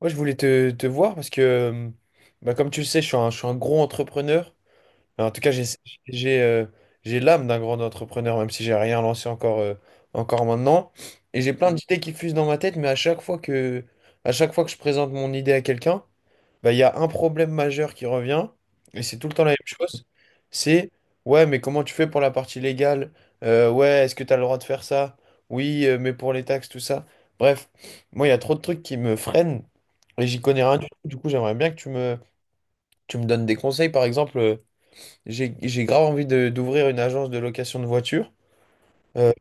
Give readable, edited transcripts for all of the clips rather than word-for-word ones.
Ouais, je voulais te voir parce que, bah, comme tu le sais, je suis un gros entrepreneur. Enfin, en tout cas, j'ai euh, j'ai l'âme d'un grand entrepreneur, même si j'ai rien lancé encore, encore maintenant. Et j'ai plein d'idées qui fusent dans ma tête, mais à chaque fois que je présente mon idée à quelqu'un, bah, il y a un problème majeur qui revient, et c'est tout le temps la même chose, c'est ouais, mais comment tu fais pour la partie légale? Ouais, est-ce que tu as le droit de faire ça? Oui, mais pour les taxes, tout ça. Bref, moi, il y a trop de trucs qui me freinent et j'y connais rien du tout. Du coup, j'aimerais bien que tu me donnes des conseils. Par exemple, j'ai grave envie d'ouvrir une agence de location de voitures. Euh,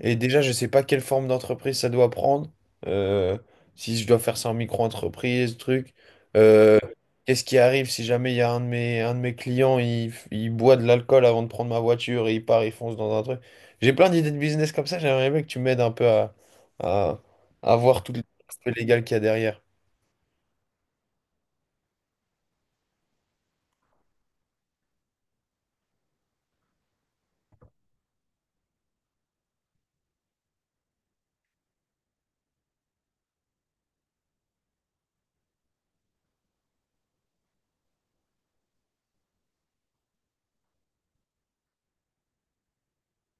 et déjà, je ne sais pas quelle forme d'entreprise ça doit prendre. euh, Si je dois faire ça en micro-entreprise, truc. Euh, Qu'est-ce qui arrive si jamais il y a un de mes clients, il boit de l'alcool avant de prendre ma voiture et il part, il fonce dans un truc. J'ai plein d'idées de business comme ça. J'aimerais bien que tu m'aides un peu à, à voir tout l'aspect légal qu'il y a derrière.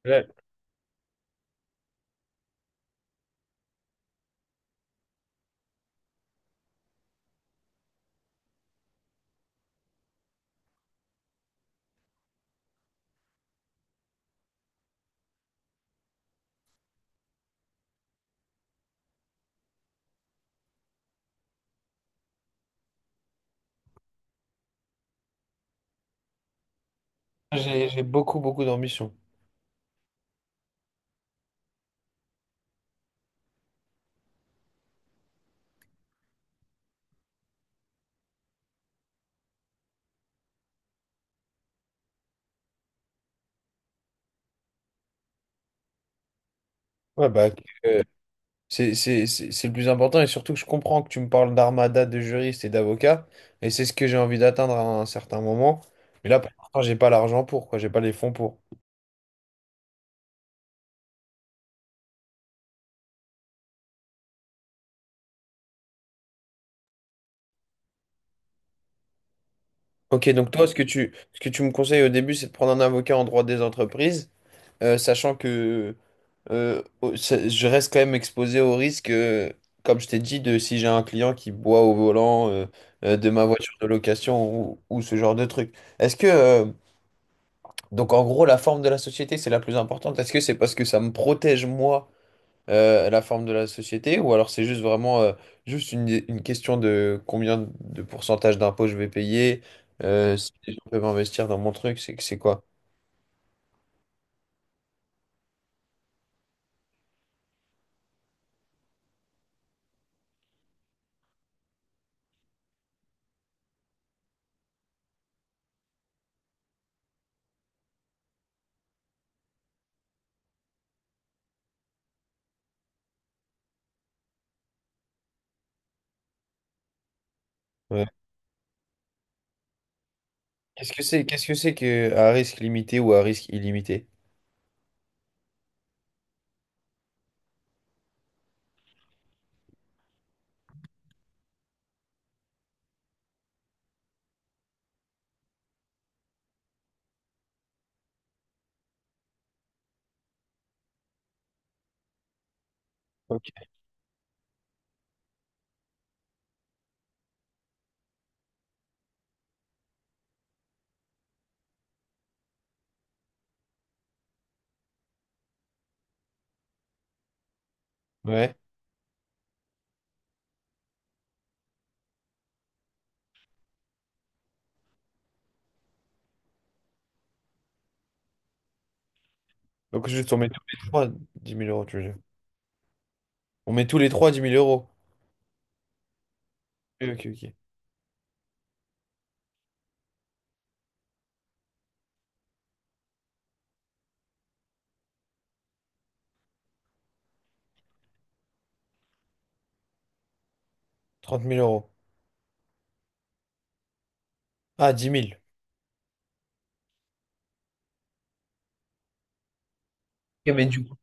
Ouais. J'ai beaucoup, beaucoup d'ambition. Ouais, bah, euh, c'est le plus important, et surtout que je comprends que tu me parles d'armada de juristes et d'avocats, et c'est ce que j'ai envie d'atteindre à un certain moment. Mais là, pour l'instant, j'ai pas l'argent pour, quoi, j'ai pas les fonds pour. Ok, donc toi, ce que tu me conseilles au début, c'est de prendre un avocat en droit des entreprises, sachant que je reste quand même exposé au risque, comme je t'ai dit, de si j'ai un client qui boit au volant de ma voiture de location ou ce genre de truc. Est-ce que Donc en gros, la forme de la société, c'est la plus importante. Est-ce que c'est parce que ça me protège, moi, la forme de la société, ou alors c'est juste vraiment juste une question de combien de pourcentage d'impôts je vais payer, si je peux investir dans mon truc, c'est quoi? Ouais. Qu'est-ce que c'est que à risque limité ou à risque illimité? Ok. Ouais. Donc juste on met tous les trois dix mille euros, tu veux dire. On met tous les trois dix mille euros. Ok, ok, ok. 30 000 euros. Ah, 10 000. Ok, mais du coup.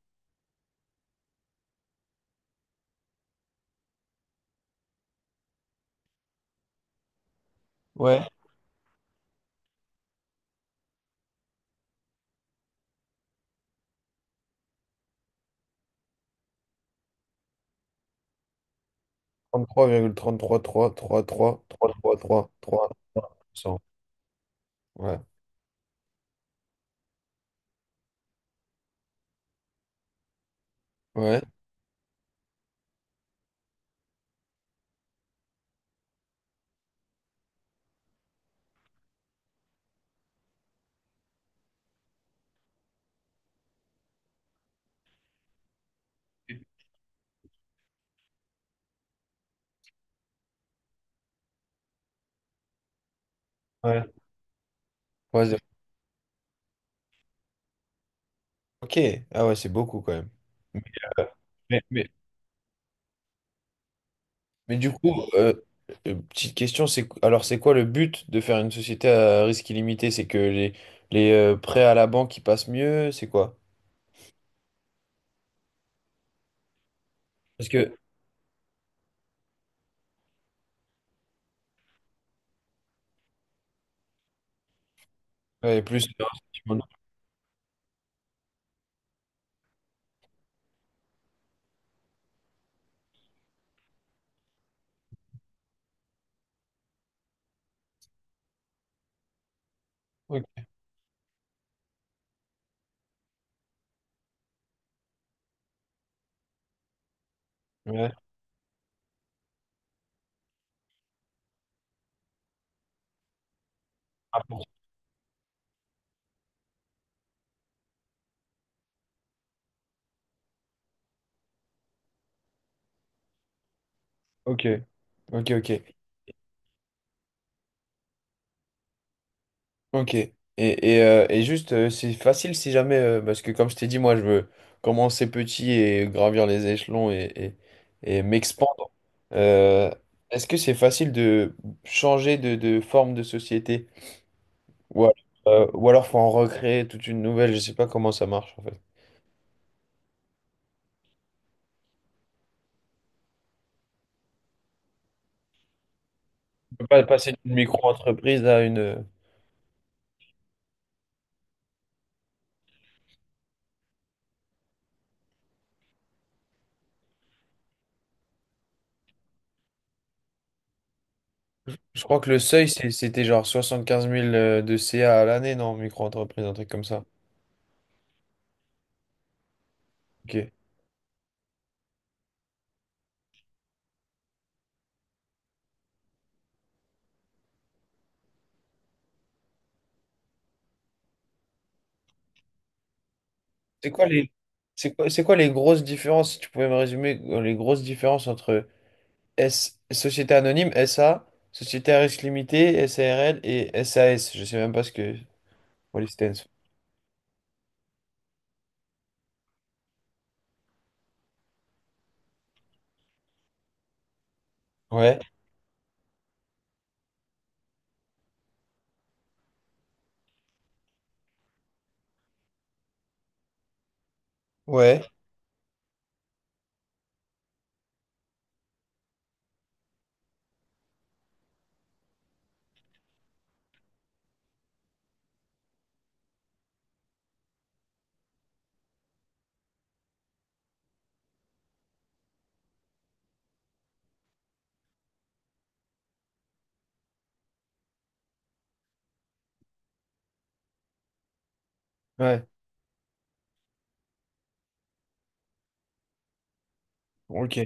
Ouais. Trente-trois virgule trente-trois trois trois trois trois trois trois virgule trois. Ouais. Ouais. Ouais. Ouais, zéro. Ok. Ah ouais, c'est beaucoup quand même. Euh, Mais, mais Mais du coup, euh, petite question, c'est alors c'est quoi le but de faire une société à risque illimité? C'est que les, les prêts à la banque qui passent mieux, c'est quoi? Parce que ouais, plus. Ok. Ouais. Ah, pour- Ok, ok, ok. Ok. Et juste, c'est facile si jamais, parce que comme je t'ai dit, moi, je veux commencer petit et gravir les échelons, et et m'expandre. Euh, est-ce que c'est facile de changer de forme de société? Ou alors, ou alors faut en recréer toute une nouvelle, je sais pas comment ça marche en fait. On peut pas passer d'une micro-entreprise à une... Je crois que le seuil, c'est- c'était genre 75 000 de CA à l'année, non, micro-entreprise, un truc comme ça. Ok. C'est quoi les, c'est quoi les grosses différences, si tu pouvais me résumer, les grosses différences entre Société Anonyme, SA, Société à risque limité, SARL et SAS. Je sais même pas ce que... what it stands for. Ouais, ouais, ouais. Ok,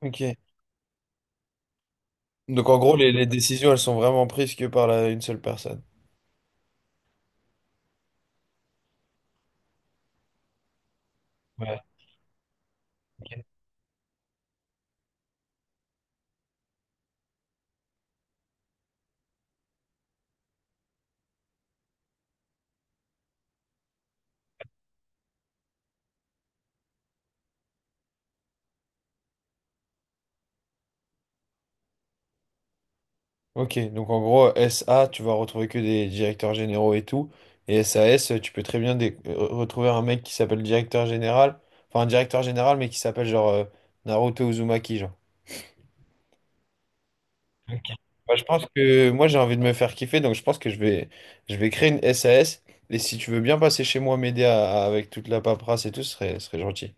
ok. Donc en gros, les décisions, elles sont vraiment prises que par la- une seule personne. Ouais. Ok. Ok, donc en gros, SA, tu vas retrouver que des directeurs généraux et tout. Et SAS, tu peux très bien retrouver un mec qui s'appelle directeur général. Enfin, un directeur général, mais qui s'appelle genre Naruto Uzumaki, genre. Ok. Bah, je pense que moi, j'ai envie de me faire kiffer, donc je pense que je vais créer une SAS. Et si tu veux bien passer chez moi m'aider avec toute la paperasse et tout, ce serait gentil.